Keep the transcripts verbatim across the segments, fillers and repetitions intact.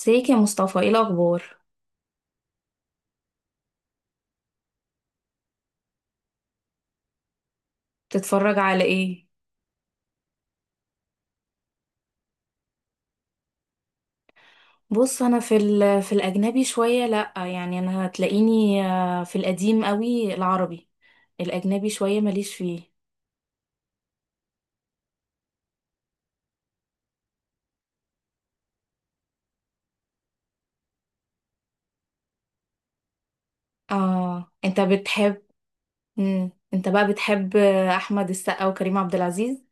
ازيك يا مصطفى؟ ايه الاخبار؟ تتفرج على ايه؟ بص انا في ال- في الاجنبي شويه، لا يعني انا هتلاقيني آه، في القديم قوي، العربي الاجنبي شويه ماليش فيه. اه انت بتحب؟ مم. انت بقى بتحب احمد السقا وكريم عبد العزيز؟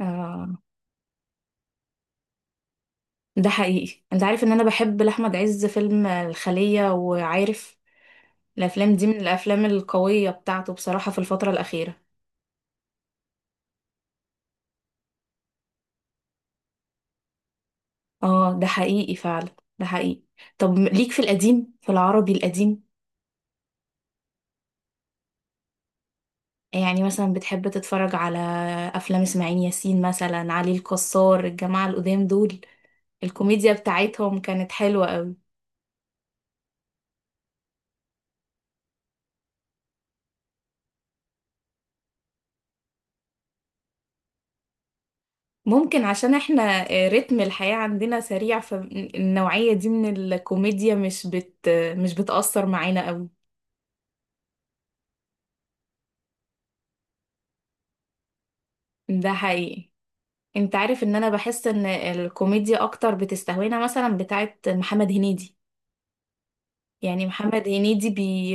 آه. ده حقيقي، انت عارف ان انا بحب لاحمد عز فيلم الخليه، وعارف الافلام دي من الافلام القويه بتاعته بصراحه في الفتره الاخيره. اه ده حقيقي فعلا، ده حقيقي. طب م- ليك في القديم، في العربي القديم، يعني مثلا بتحب تتفرج على افلام اسماعيل ياسين مثلا، علي الكسار، الجماعة القدام دول؟ الكوميديا بتاعتهم كانت حلوة قوي. ممكن عشان احنا آه، رتم الحياة عندنا سريع، فالنوعية دي من الكوميديا مش بت مش بتأثر معانا قوي. ده حقيقي. انت عارف ان انا بحس ان الكوميديا اكتر بتستهوينا مثلا بتاعت محمد هنيدي، يعني محمد هنيدي بي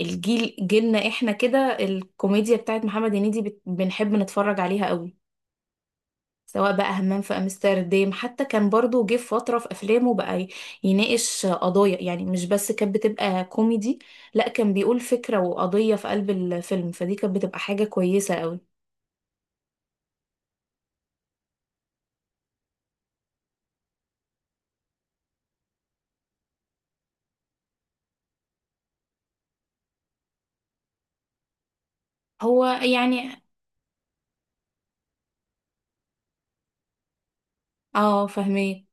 الجيل جيلنا احنا كده الكوميديا بتاعت محمد هنيدي بت- بنحب نتفرج عليها قوي. سواء بقى همام في امستردام، حتى كان برضو جه في فترة في افلامه بقى ي- يناقش قضايا، يعني مش بس كانت بتبقى كوميدي، لا كان بيقول فكرة وقضية في قلب الفيلم، فدي كانت بتبقى حاجة كويسة قوي. هو يعني اه فاهمين.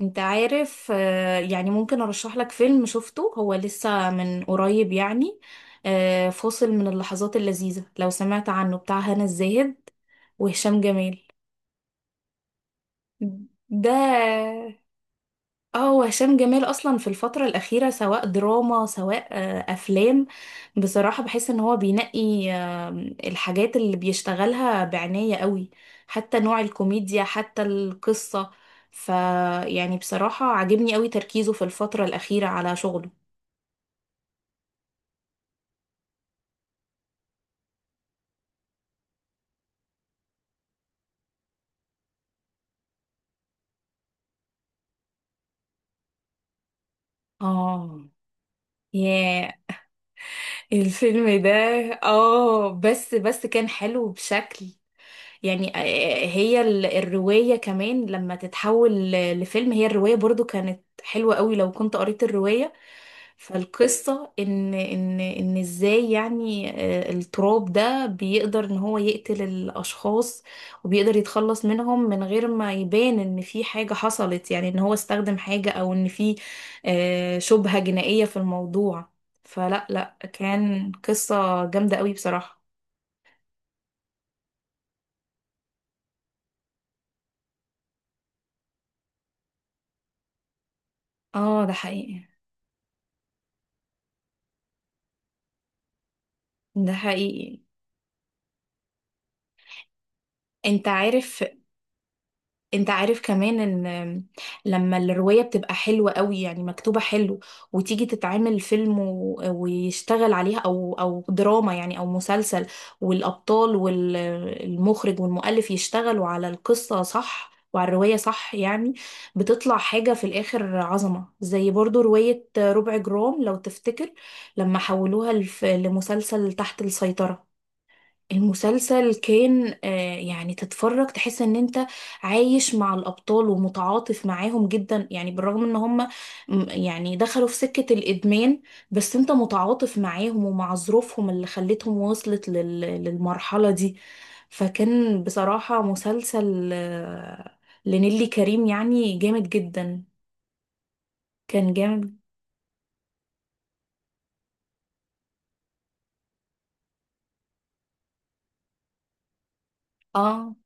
انت عارف آه، يعني ممكن ارشح لك فيلم شفته هو لسه من قريب، يعني آه، فاصل من اللحظات اللذيذة، لو سمعت عنه، بتاع هنا الزاهد وهشام جمال. ده اه، وهشام جمال اصلا في الفترة الأخيرة سواء دراما سواء آه، افلام، بصراحة بحس ان هو بينقي آه، الحاجات اللي بيشتغلها بعناية قوي، حتى نوع الكوميديا، حتى القصة. ف يعني بصراحة عاجبني قوي تركيزه في الفترة الأخيرة على شغله. اه ياه، الفيلم ده! اه، بس بس كان حلو بشكل، يعني آه، هي ال- الرواية كمان لما تتحول ل- لفيلم، هي الرواية برضو كانت حلوة قوي لو كنت قريت الرواية. فالقصة ان ان ان ازاي، يعني آه، التراب ده بيقدر ان هو يقتل الاشخاص، وبيقدر يتخلص منهم من غير ما يبان ان في حاجة حصلت، يعني ان هو استخدم حاجة او ان في آه، شبهة جنائية في الموضوع. فلا لا كان قصة جامدة قوي بصراحة. اه ده حقيقي، ده حقيقي. انت عارف، انت عارف كمان ان لما الرواية بتبقى حلوة قوي يعني مكتوبة حلو، وتيجي تتعمل فيلم و... ويشتغل عليها او او دراما يعني او مسلسل، والابطال والمخرج والمؤلف يشتغلوا على القصة صح وعلى الرواية صح، يعني بتطلع حاجة في الآخر عظمة. زي برضو رواية ربع جرام، لو تفتكر، لما حولوها لف- لمسلسل تحت السيطرة، المسلسل كان آه، يعني تتفرج تحس ان انت عايش مع الابطال ومتعاطف معاهم جدا، يعني بالرغم ان هم م- يعني دخلوا في سكة الادمان، بس انت متعاطف معاهم ومع ظروفهم اللي خلتهم وصلت لل- للمرحلة دي. فكان بصراحة مسلسل آه، لنيلي كريم يعني جامد جدا، كان جامد. اه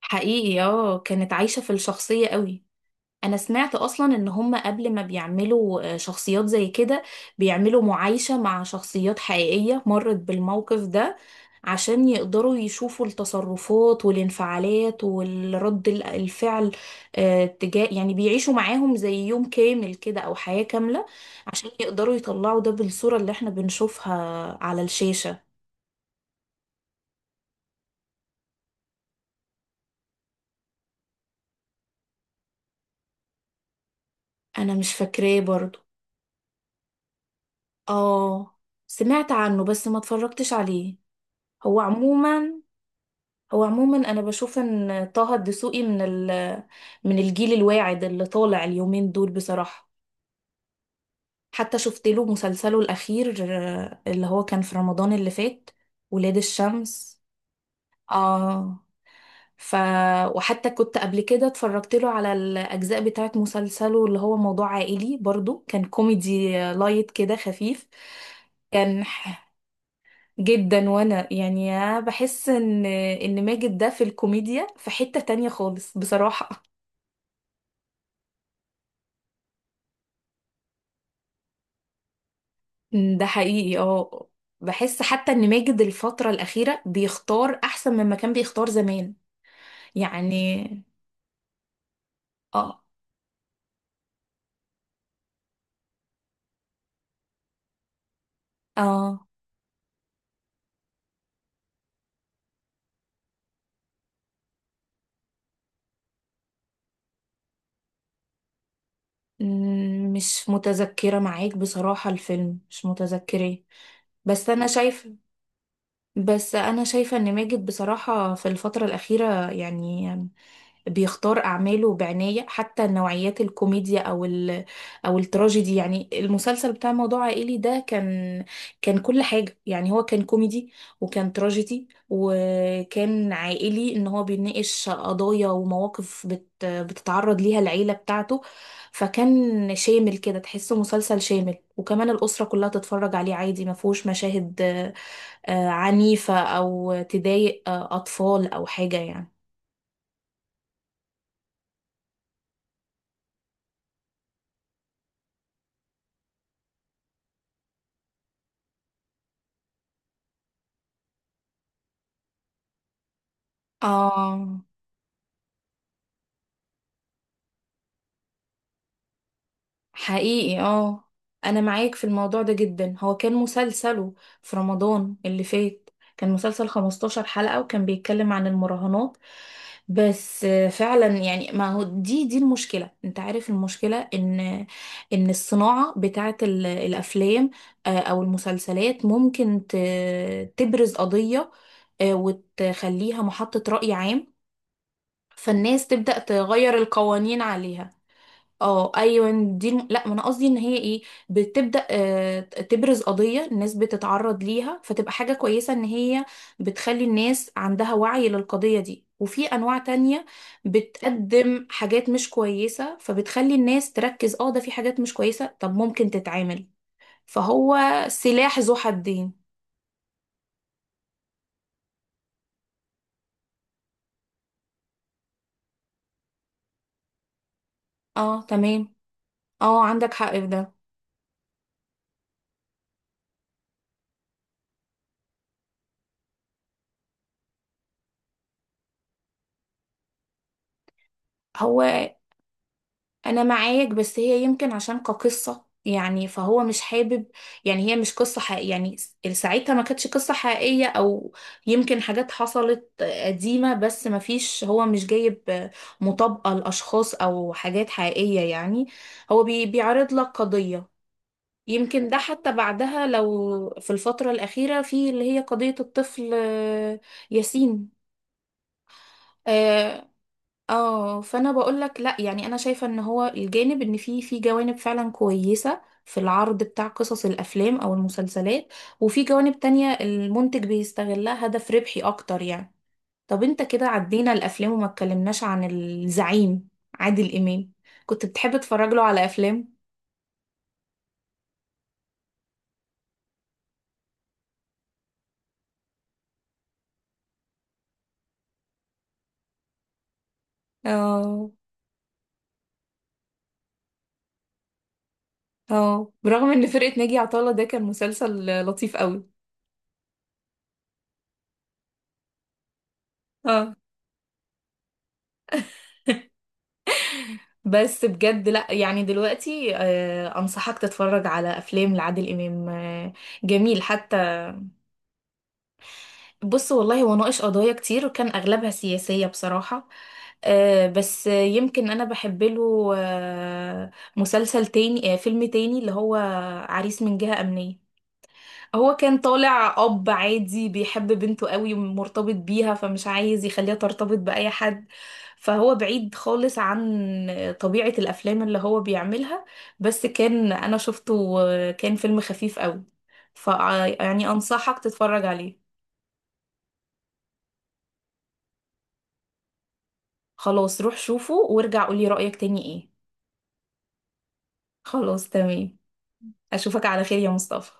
حقيقي، اه كانت عايشة في الشخصية قوي. انا سمعت اصلا ان هم قبل ما بيعملوا آه، شخصيات زي كده بيعملوا معايشة مع شخصيات حقيقية مرت بالموقف ده، عشان يقدروا يشوفوا التصرفات والانفعالات والرد ال- الفعل، آه، تجاه، يعني بيعيشوا معاهم زي يوم كامل كده او حياة كاملة عشان يقدروا يطلعوا ده بالصورة اللي احنا بنشوفها على الشاشة. انا مش فاكراه برضو، اه سمعت عنه بس ما اتفرجتش عليه. هو عموما، هو عموما انا بشوف ان طه الدسوقي من ال... من الجيل الواعد اللي طالع اليومين دول بصراحة. حتى شفت له مسلسله الاخير آه، اللي هو كان في رمضان اللي فات، ولاد الشمس. اه ف وحتى كنت قبل كده اتفرجت له على الاجزاء بتاعت مسلسله اللي هو موضوع عائلي، برضو كان كوميدي آه، لايت كده خفيف. كان ح- جدا، وانا يعني بحس ان ان ماجد ده في الكوميديا في حتة تانية خالص بصراحة. ده حقيقي اه. بحس حتى ان ماجد الفترة الأخيرة بيختار أحسن مما كان بيختار زمان يعني. اه اه. مم، مش متذكرة معاك بصراحة، الفيلم مش متذكراه. بس أنا شايفة، بس أنا شايفة ان ماجد بصراحة في الفترة الأخيرة يعني بيختار أعماله بعناية، حتى نوعيات الكوميديا أو ال أو التراجيدي، يعني المسلسل بتاع موضوع عائلي ده كان، كان كل حاجة يعني، هو كان كوميدي وكان تراجيدي وكان عائلي، إن هو بيناقش قضايا ومواقف بت بتتعرض ليها العيلة بتاعته. فكان شامل كده، تحسه مسلسل شامل، وكمان الأسرة كلها تتفرج عليه عادي، ما فيهوش مشاهد آه، آه، عنيفة أو تضايق آه، أطفال أو حاجة يعني. آه حقيقي، اه انا معاك في الموضوع ده جدا. هو كان مسلسله في رمضان اللي فات كان مسلسل خمستاشر حلقة وكان بيتكلم عن المراهنات. بس آه، فعلا يعني، ما هو دي دي المشكلة، انت عارف المشكلة ان ان الصناعة بتاعت ال- الافلام آه، او المسلسلات ممكن ت- تبرز قضية آه، وتخليها محطة رأي عام، فالناس تبدأ تغير القوانين عليها. اه ايوه، دي الم... لا ما انا قصدي ان هي ايه، بتبدا آه، تبرز قضيه الناس بتتعرض ليها فتبقى حاجه كويسه ان هي بتخلي الناس عندها وعي للقضيه دي، وفي انواع تانية بتقدم حاجات مش كويسه فبتخلي الناس تركز اه ده في حاجات مش كويسه طب ممكن تتعامل. فهو سلاح ذو حدين. اه تمام. اه عندك حق في ده. هو انا معاك، بس هي يمكن عشان كقصة يعني فهو مش حابب، يعني هي مش قصة حقيقية يعني، ساعتها ما كانتش قصة حقيقية، او يمكن حاجات حصلت قديمة، بس ما فيش هو مش جايب مطابقة لاشخاص او حاجات حقيقية يعني، هو بي بيعرض لك قضية. يمكن ده حتى بعدها لو في الفترة الأخيرة، في اللي هي قضية الطفل آه، ياسين. آه، اه فانا بقول لك لا يعني انا شايفه ان هو الجانب ان في في جوانب فعلا كويسه في العرض بتاع قصص الافلام او المسلسلات، وفي جوانب تانية المنتج بيستغلها هدف ربحي اكتر يعني. طب انت كده عدينا الافلام وما اتكلمناش عن الزعيم، عادل امام. كنت بتحب تتفرج له على افلام؟ اه اه، برغم ان فرقه ناجي عطا الله ده كان مسلسل لطيف قوي. اه بس بجد لا، يعني دلوقتي آه، انصحك تتفرج على افلام لعادل امام آه، جميل حتى. بص والله هو ناقش قضايا كتير وكان اغلبها سياسية بصراحة، آه، بس يمكن انا بحب له آه، مسلسل تاني، آه، فيلم تاني اللي هو عريس من جهة امنية. هو كان طالع اب عادي بيحب بنته قوي ومرتبط بيها فمش عايز يخليها ترتبط بأي حد. فهو بعيد خالص عن طبيعة الافلام اللي هو بيعملها، بس كان انا شفته كان فيلم خفيف قوي، ف يعني انصحك تتفرج عليه. خلاص روح شوفه وارجع قولي رأيك تاني ايه. خلاص تمام، اشوفك على خير يا مصطفى.